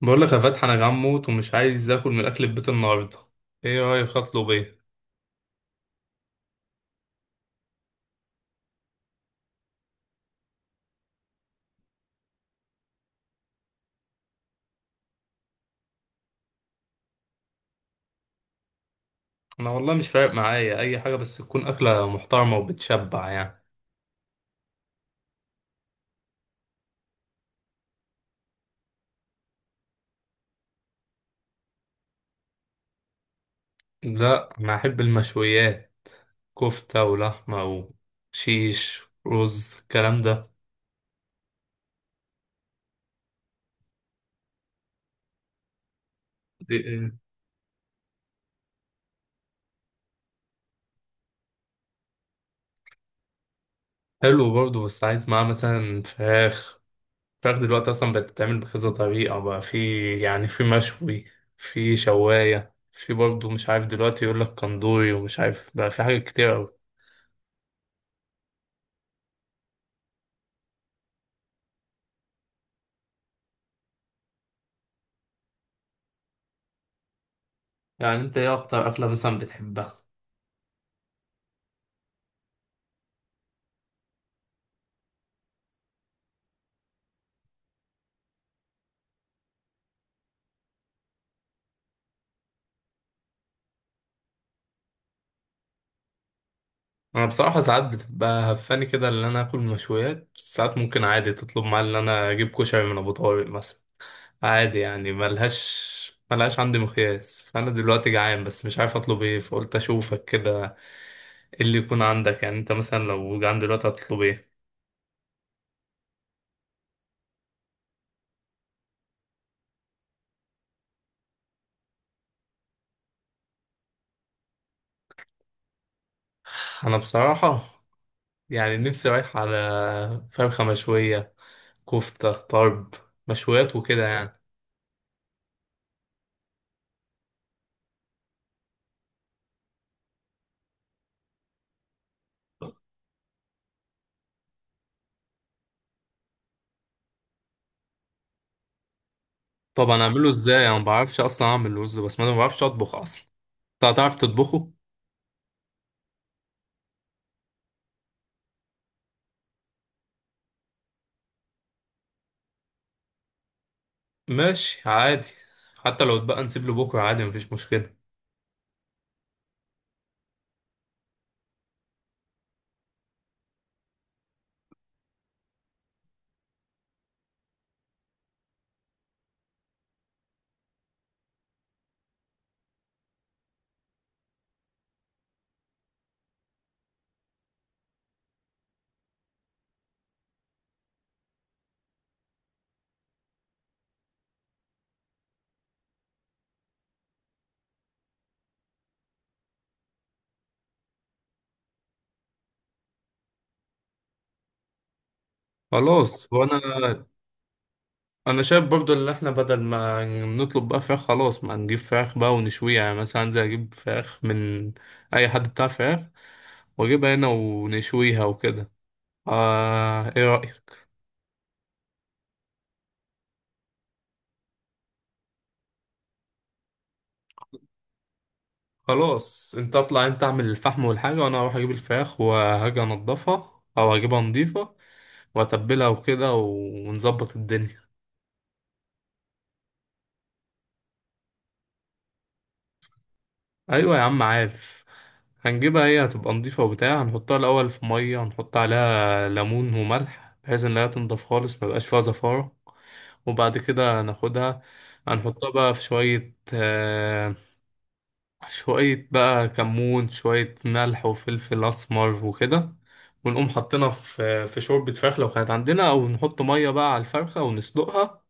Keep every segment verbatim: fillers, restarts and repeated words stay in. بقول لك يا فتحي، انا جعان موت ومش عايز اكل من اكل البيت النهارده. ايه رايك اطلب ايه؟ انا والله مش فارق معايا اي حاجه بس تكون اكله محترمه وبتشبع يعني. لا انا احب المشويات. كفته ولحمه وشيش رز الكلام ده. دي- حلو برضه بس عايز معاه مثلا فراخ. الفراخ دلوقتي اصلا بقت بتتعمل بكذا طريقه بقى. في يعني في مشوي، في شوايه، في برضه مش عارف دلوقتي يقول لك كندوري ومش عارف بقى، في حاجات كتير أوي. يعني انت ايه اكتر اكله مثلا بتحبها؟ انا بصراحه ساعات بتبقى هفاني كده، اللي انا اكل مشويات ساعات ممكن عادي تطلب معايا اللي انا اجيب كشري من ابو طارق مثلا. عادي يعني ملهاش ملهاش عندي مقياس. فانا دلوقتي جعان بس مش عارف اطلب ايه، فقلت اشوفك كده. ايه اللي يكون عندك يعني، انت مثلا لو جعان دلوقتي هتطلب ايه؟ انا بصراحه يعني نفسي رايح على فرخه مشويه، كفته طرب، مشويات وكده يعني. طبعا اعمله ازاي، انا ما بعرفش اصلا اعمل رز، بس ما انا ما بعرفش اطبخ اصلا. انت هتعرف تطبخه؟ ماشي عادي. حتى لو اتبقى نسيب له بكره عادي مفيش مشكله. خلاص وانا، انا شايف برضو ان احنا بدل ما نطلب بقى فراخ، خلاص ما نجيب فراخ بقى ونشويها. يعني مثلا انزل اجيب فراخ من اي حد بتاع فراخ، واجيبها هنا ونشويها وكده. آه ايه رأيك؟ خلاص انت اطلع انت اعمل الفحم والحاجة، وانا اروح اجيب الفراخ وهاجي انضفها او اجيبها نضيفة واتبلها وكده ونظبط الدنيا. ايوه يا عم عارف. هنجيبها هي هتبقى نضيفة وبتاع، هنحطها الاول في مية، هنحط عليها ليمون وملح بحيث ان هي تنضف خالص ميبقاش فيها زفارة. وبعد كده ناخدها، هنحطها بقى في شوية آه، شوية بقى كمون، شوية ملح وفلفل أسمر وكده. ونقوم حاطينها في في شوربة فراخ لو كانت عندنا، أو نحط مية بقى على الفرخة ونسلقها.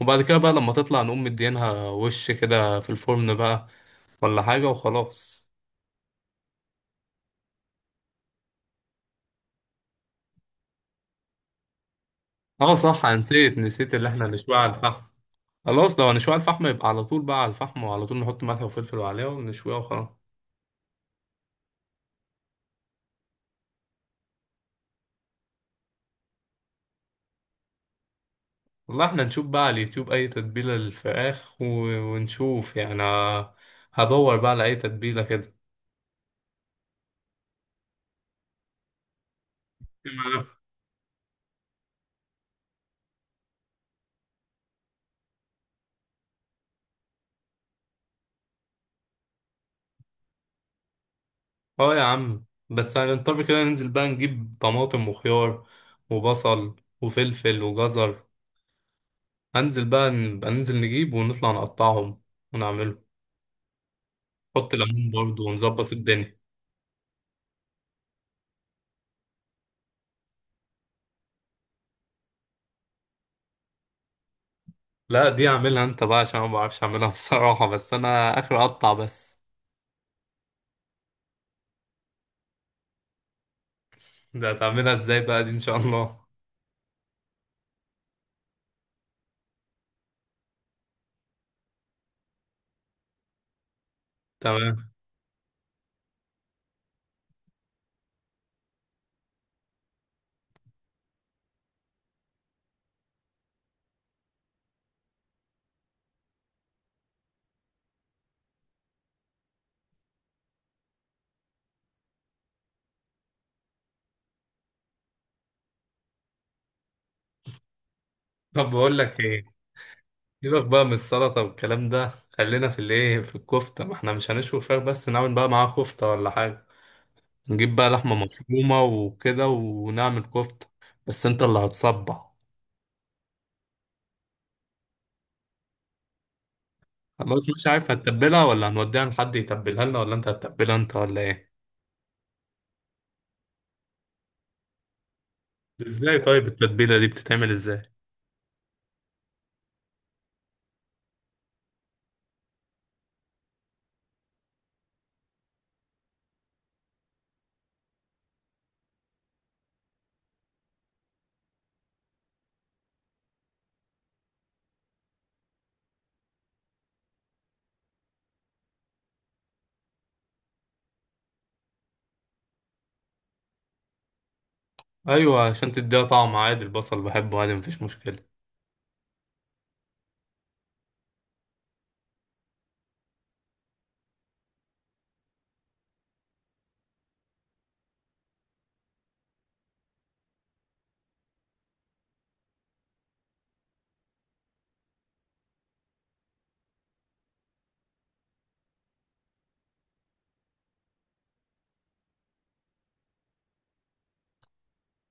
وبعد كده بقى لما تطلع نقوم مدينها وش كده في الفرن بقى، ولا حاجة وخلاص. اه صح، أنا نسيت نسيت اللي احنا نشويها على الفحم. خلاص لو هنشويها على الفحم يبقى على طول بقى على الفحم، وعلى طول نحط ملح وفلفل عليها ونشويها وخلاص. والله احنا نشوف بقى على اليوتيوب أي تتبيلة للفراخ، و- ونشوف يعني، آه، هدور بقى على أي تتبيلة كده. اه يا عم، بس هنضطر كده ننزل بقى نجيب طماطم وخيار وبصل وفلفل وجزر. هنزل بقى، نبقى ننزل نجيب ونطلع نقطعهم ونعمله. حط ليمون برضه ونظبط الدنيا. لا دي اعملها انت بقى عشان أنا ما بعرفش اعملها بصراحة، بس انا اخر اقطع بس. ده هتعملها ازاي بقى دي ان شاء الله؟ تمام. طب بقول لك ايه، سيبك بقى من السلطة والكلام ده. خلينا في الايه في الكفتة، ما احنا مش هنشوي فراخ بس، نعمل بقى معاها كفتة ولا حاجة. نجيب بقى لحمة مفرومة وكده ونعمل كفتة. بس انت اللي هتصبع. خلاص مش عارف هتتبلها ولا هنوديها لحد يتبلها لنا، ولا انت هتتبلها انت، ولا ايه؟ ازاي طيب؟ التتبيلة دي بتتعمل ازاي؟ ايوه عشان تديها طعم. عادي البصل بحبه عادي مفيش مشكلة.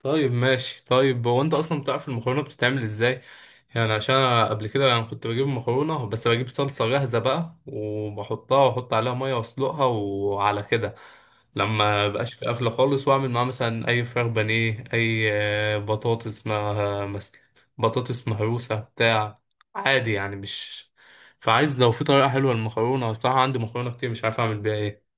طيب ماشي. طيب هو انت اصلا بتعرف المكرونه بتتعمل ازاي؟ يعني عشان انا قبل كده يعني كنت بجيب مكرونه، بس بجيب صلصه جاهزه بقى وبحطها واحط عليها ميه واسلقها وعلى كده. لما بقاش في قفله خالص، واعمل معاها مثلا اي فراخ بانيه، اي آه، بطاطس ما مس- بطاطس مهروسه بتاع. عادي يعني مش، فعايز لو في طريقه حلوه للمكرونه بصراحه، عندي مكرونه كتير مش عارف اعمل بيها إيه.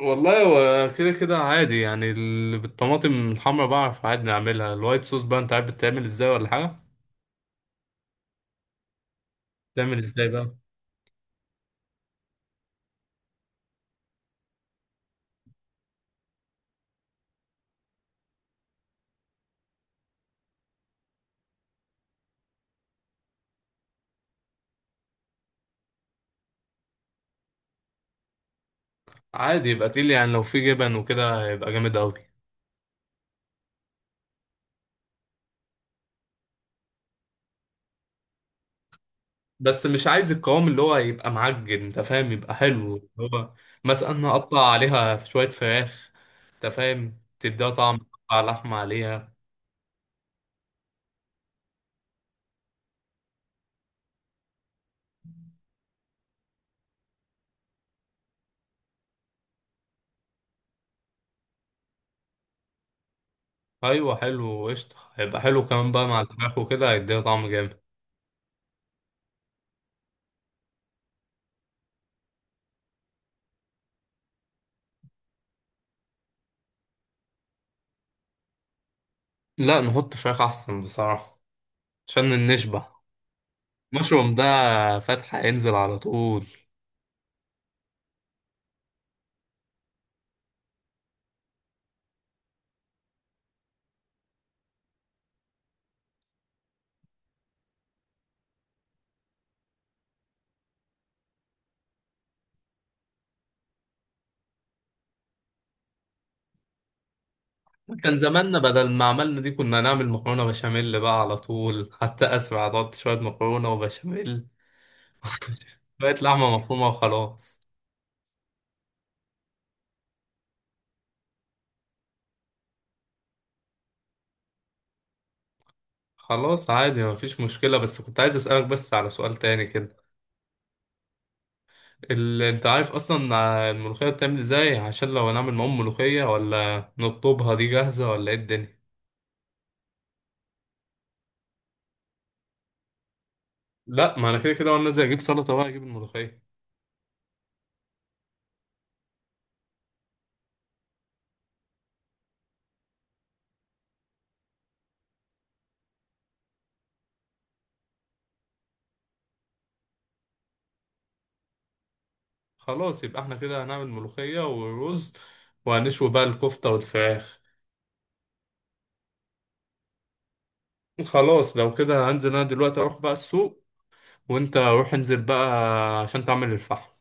والله هو كده كده عادي يعني، ال- بالطماطم الحمرا بعرف عادي نعملها. الوايت صوص بقى انت عارف بتتعمل ازاي ولا حاجة؟ بتعمل ازاي بقى؟ عادي، يبقى تقيل يعني، لو في جبن وكده يبقى جامد قوي. بس مش عايز القوام اللي هو يبقى معجن، انت فاهم، يبقى حلو اللي هو. مثلا انا اقطع عليها شوية فراخ. انت فاهم تديها طعم. اقطع لحمة عليها. ايوه حلو قشطة، هيبقى حلو كمان بقى مع الفراخ وكده، هيديها طعم جامد. لا نحط فراخ احسن بصراحة، عشان نشبع. مشروم ده فتح هينزل على طول. كان زماننا بدل ما عملنا دي كنا نعمل مكرونة بشاميل بقى على طول، حتى أسرع، ضبط شوية مكرونة وبشاميل شوية لحمة مفرومة وخلاص. خلاص عادي مفيش مشكلة، بس كنت عايز أسألك بس على سؤال تاني كده. اللي أنت عارف أصلا الملوخية بتعمل إزاي، عشان لو هنعمل معاهم ملوخية، ولا نطلبها دي جاهزة، ولا إيه الدنيا؟ لأ، ما أنا كده كده وأنا نازل أجيب سلطة بقى أجيب الملوخية. خلاص يبقى احنا كده هنعمل ملوخية ورز، وهنشوي بقى الكفتة والفراخ. خلاص لو كده هنزل انا دلوقتي اروح بقى السوق، وانت روح انزل بقى عشان تعمل الفحم.